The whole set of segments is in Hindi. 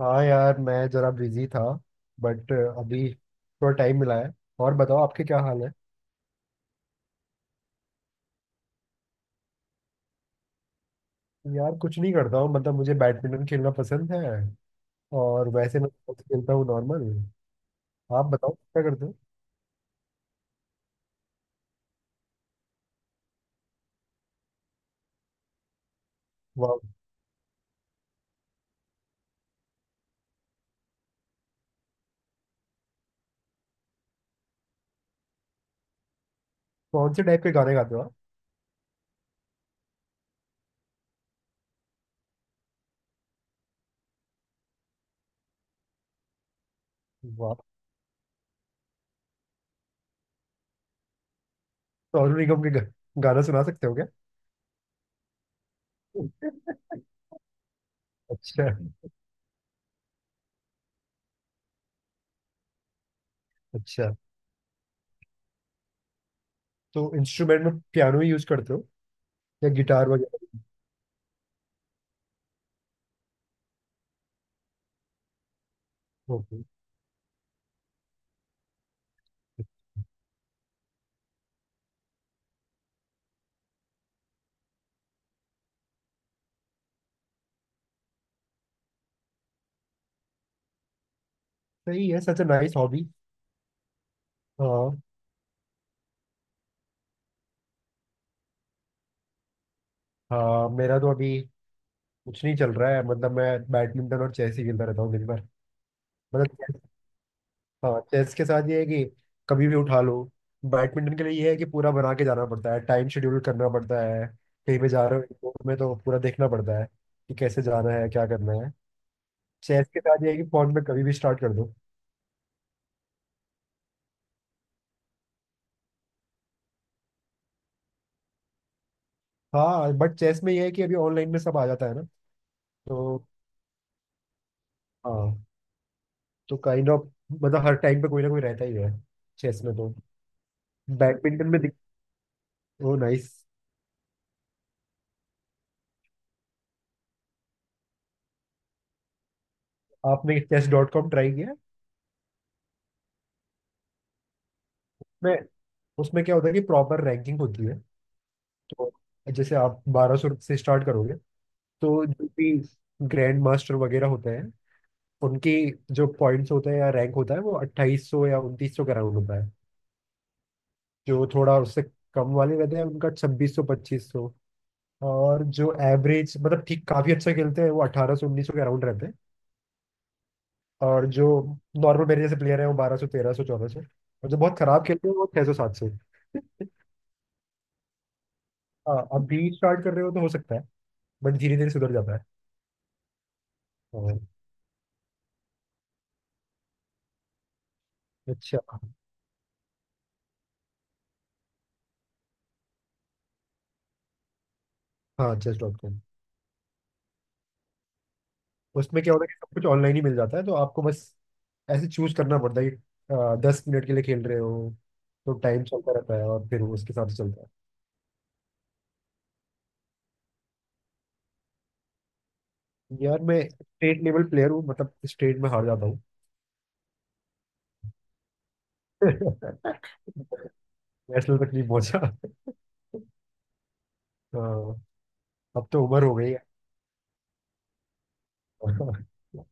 हाँ यार मैं जरा बिजी था बट अभी थोड़ा टाइम मिला है। और बताओ आपके क्या हाल है। यार कुछ नहीं करता हूँ मतलब मुझे बैडमिंटन खेलना पसंद है। और वैसे मैं sports खेलता हूँ नॉर्मल। आप बताओ क्या करते हो। वाह। कौन से टाइप के गाने गाते हो आप। वाह। सोनू निगम के गाना सुना सकते हो क्या? अच्छा। अच्छा तो इंस्ट्रूमेंट में पियानो ही यूज करते हो या गिटार वगैरह। ओके। सही है। Such a nice hobby. हाँ। हाँ मेरा तो अभी कुछ नहीं चल रहा है मतलब मैं बैडमिंटन और चेस ही खेलता रहता हूँ दिन भर। मतलब चेस-। हाँ चेस के साथ ये है कि कभी भी उठा लो। बैडमिंटन के लिए ये है कि पूरा बना के जाना पड़ता है। टाइम शेड्यूल करना पड़ता है। कहीं पे जा रहे हो airport में तो पूरा देखना पड़ता है कि कैसे जाना है क्या करना है। चेस के साथ ये है कि फोन में कभी भी स्टार्ट कर दो। हाँ बट चेस में ये है कि अभी ऑनलाइन में सब आ जाता है ना। तो हाँ, तो काइंड ऑफ मतलब हर टाइम पे कोई ना कोई रहता ही है चेस में तो। बैडमिंटन में दिख। Oh nice. आपने चेस डॉट कॉम ट्राई किया? मैं। उसमें क्या होता है कि प्रॉपर रैंकिंग होती है। तो जैसे आप 1200 से स्टार्ट करोगे। तो जो भी ग्रैंड मास्टर वगैरह होते हैं उनकी जो पॉइंट्स होते हैं या रैंक होता है वो 2800 या 2900 के अराउंड होता है। जो थोड़ा उससे कम वाले रहते हैं उनका 2600 2500। और जो एवरेज मतलब ठीक काफी अच्छा खेलते हैं वो 1800 1900 के अराउंड रहते हैं। और जो नॉर्मल मेरे जैसे प्लेयर है वो 1200 1300 1400 और जो बहुत खराब खेलते हैं वो 600 700। हाँ अभी स्टार्ट कर रहे हो तो हो सकता है बट धीरे धीरे सुधर जाता है। हाँ। अच्छा। हाँ जस्ट डॉट कॉम। उसमें क्या होता है कि सब कुछ ऑनलाइन ही मिल जाता है तो आपको बस ऐसे चूज करना पड़ता है कि 10 मिनट के लिए खेल रहे हो तो टाइम चलता रहता है और फिर वो उसके हिसाब से चलता है। यार मैं स्टेट लेवल प्लेयर हूँ मतलब स्टेट में हार जाता हूँ। नेशनल तक नहीं पहुंचा। हाँ, अब तो उम्र हो गई है।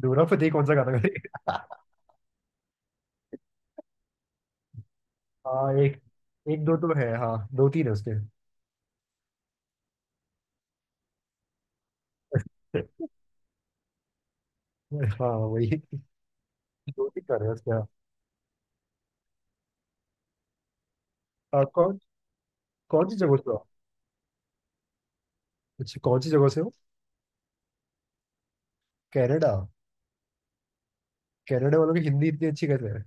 दूरा फतेह कौन सा गाना गाएगा? हाँ एक एक दो तो है। हाँ दो तीन है उसके। हाँ वही। दो तीन कर रहे हैं उसके। हाँ। कौन सी जगह से हो? आप? अच्छा, कौन सी जगह से हो? कनाडा। कनाडा वालों की हिंदी इतनी अच्छी कर रहे हैं।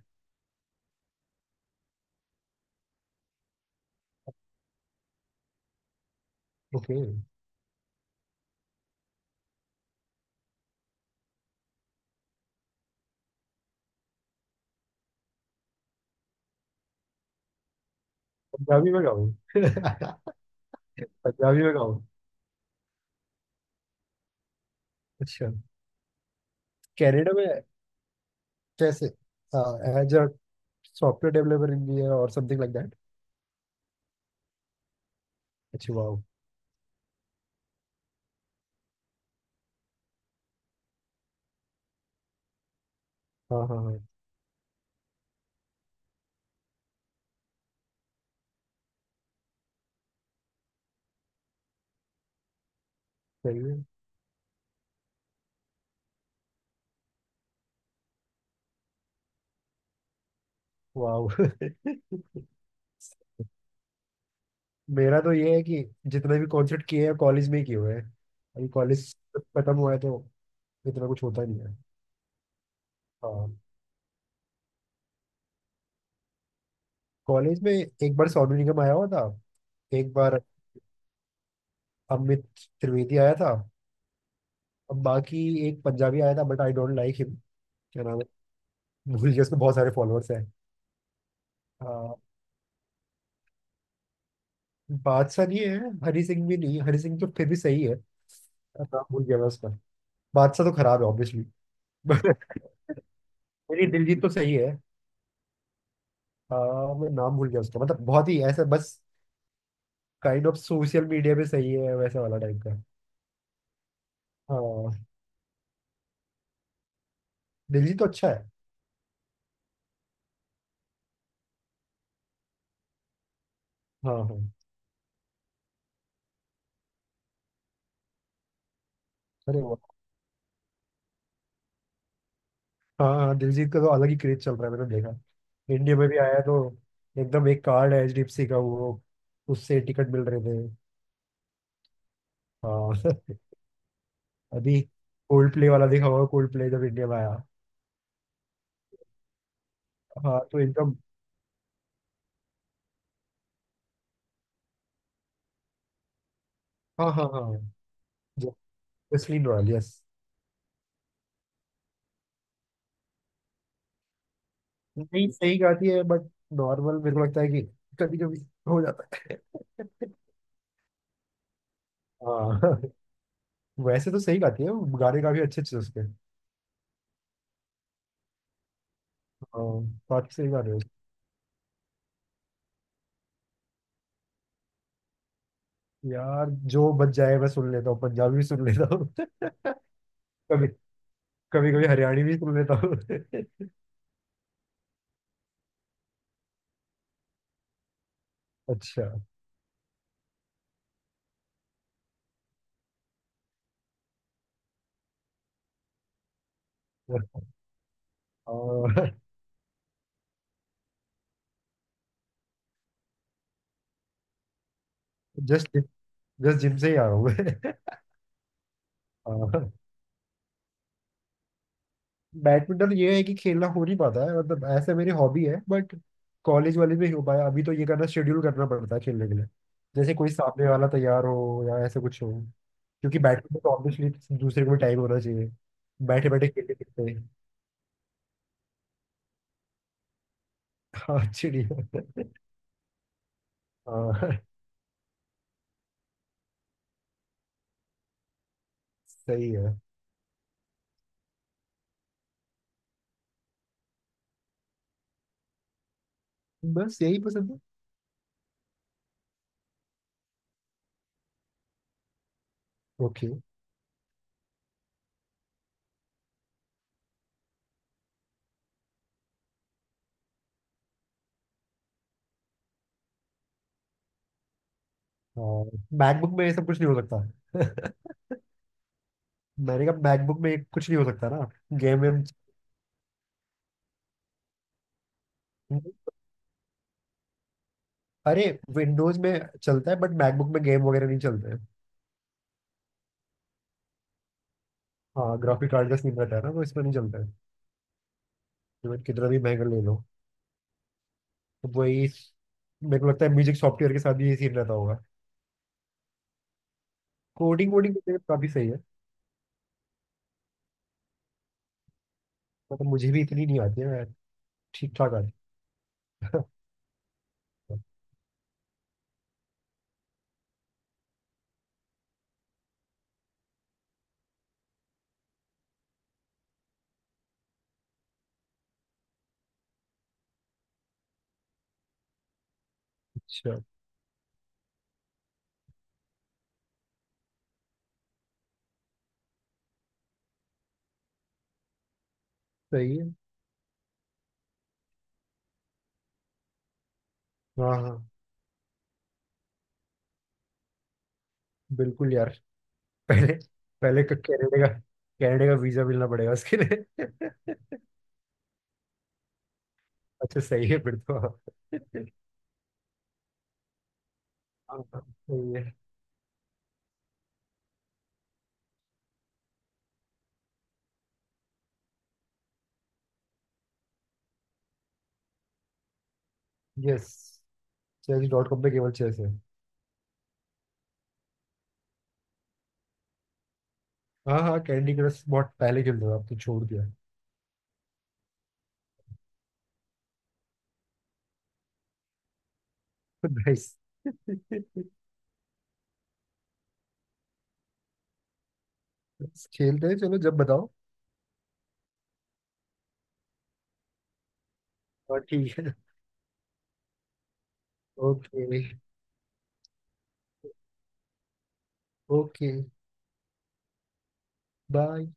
ओके। पंजाबी में गाओ। पंजाबी में गाओ। अच्छा। कनाडा में कैसे? हाँ, as a software developer engineer और समथिंग लाइक दैट। अच्छा वाओ। हाँ हाँ हाँ। सही है। वाओ। मेरा तो ये है कि जितने भी कॉन्सर्ट किए हैं कॉलेज में ही किए हुए हैं। अभी कॉलेज खत्म हुआ है तो इतना कुछ होता नहीं है। हाँ। कॉलेज में एक बार सोनू निगम आया हुआ था। एक बार अमित त्रिवेदी आया था। अब बाकी एक पंजाबी आया था but I don't like him. क्या नाम है। भूल गया। उसके बहुत सारे फॉलोअर्स हैं। आ, बादशाह नहीं है, हरी सिंह भी नहीं। हरी सिंह तो फिर भी सही है। नाम भूल गया मैं उसका। बादशाह तो खराब है ऑब्वियसली। मेरी दिलजीत तो सही है। आ, मैं नाम भूल गया उसका मतलब बहुत ही ऐसा बस काइंड ऑफ सोशल मीडिया पे सही है वैसा वाला टाइप का। हाँ। दिलजीत तो अच्छा है। हाँ हाँ। अरे वाह। हाँ हाँ, दिलजीत का तो अलग ही क्रेज चल रहा है मैंने देखा। इंडिया में भी आया तो एकदम। एक कार्ड है एचडीएफसी का, वो उससे टिकट मिल रहे थे। हाँ। अभी कोल्ड प्ले वाला देखा होगा। कोल्ड प्ले जब इंडिया में आया। हाँ तो एकदम। हाँ हाँ हाँ। Justin Noel. यस। नहीं, सही गाती है बट नॉर्मल मेरे को लगता है कि कभी कभी हो जाता है। हाँ। वैसे तो सही गाती है। गाने काफी अच्छे अच्छे उसके। हाँ। काफी सही गाने हैं उसके। यार जो बच जाए मैं सुन लेता हूँ, पंजाबी भी सुन लेता हूँ। कभी कभी कभी हरियाणी भी सुन लेता हूँ। अच्छा। और जस्ट जस्ट जिम से ही आ रहा हूँ मैं। अह, बैडमिंटन ये है कि खेलना हो नहीं पाता है मतलब ऐसे मेरी हॉबी है बट कॉलेज वाले में ही हो पाया। अभी तो ये करना शेड्यूल करना पड़ता है खेलने के लिए। जैसे कोई सामने वाला तैयार हो या ऐसे कुछ हो, क्योंकि बैडमिंटन तो ऑब्वियसली दूसरे को भी टाइम होना चाहिए। बैठे बैठे खेलते खेलते। हाँ चिड़िया। हाँ। सही है। बस यही पसंद है। ओके। मैकबुक में ये सब कुछ नहीं हो सकता। मैंने कहा मैकबुक में ये कुछ नहीं हो सकता ना, गेम वेम। अरे, विंडोज में चलता है बट मैकबुक में गेम वगैरह नहीं चलते हैं। हाँ, ग्राफिक कार्ड का सीन रहता है ना, तो इसमें नहीं चलता है। इवन कितना भी महंगा ले लो। तो वही, मेरे को लगता है म्यूजिक सॉफ्टवेयर के साथ भी ये सीन रहता होगा। कोडिंग वोडिंग तो काफी सही है। मतलब मुझे भी इतनी नहीं आती है, मैं ठीक ठाक आती है। अच्छा सही है। हाँ हाँ बिल्कुल यार। पहले पहले कनाडा का वीजा मिलना पड़ेगा उसके लिए। अच्छा सही है फिर तो। हाँ, सही है। यस, चेस डॉट कॉम पे केवल चेस है। हाँ हाँ, कैंडी क्रश बहुत पहले खेलते थे, अब तो छोड़ दिया। नाइस। खेलते हैं, चलो जब बताओ। हाँ, ठीक है। ओके। Okay, bye.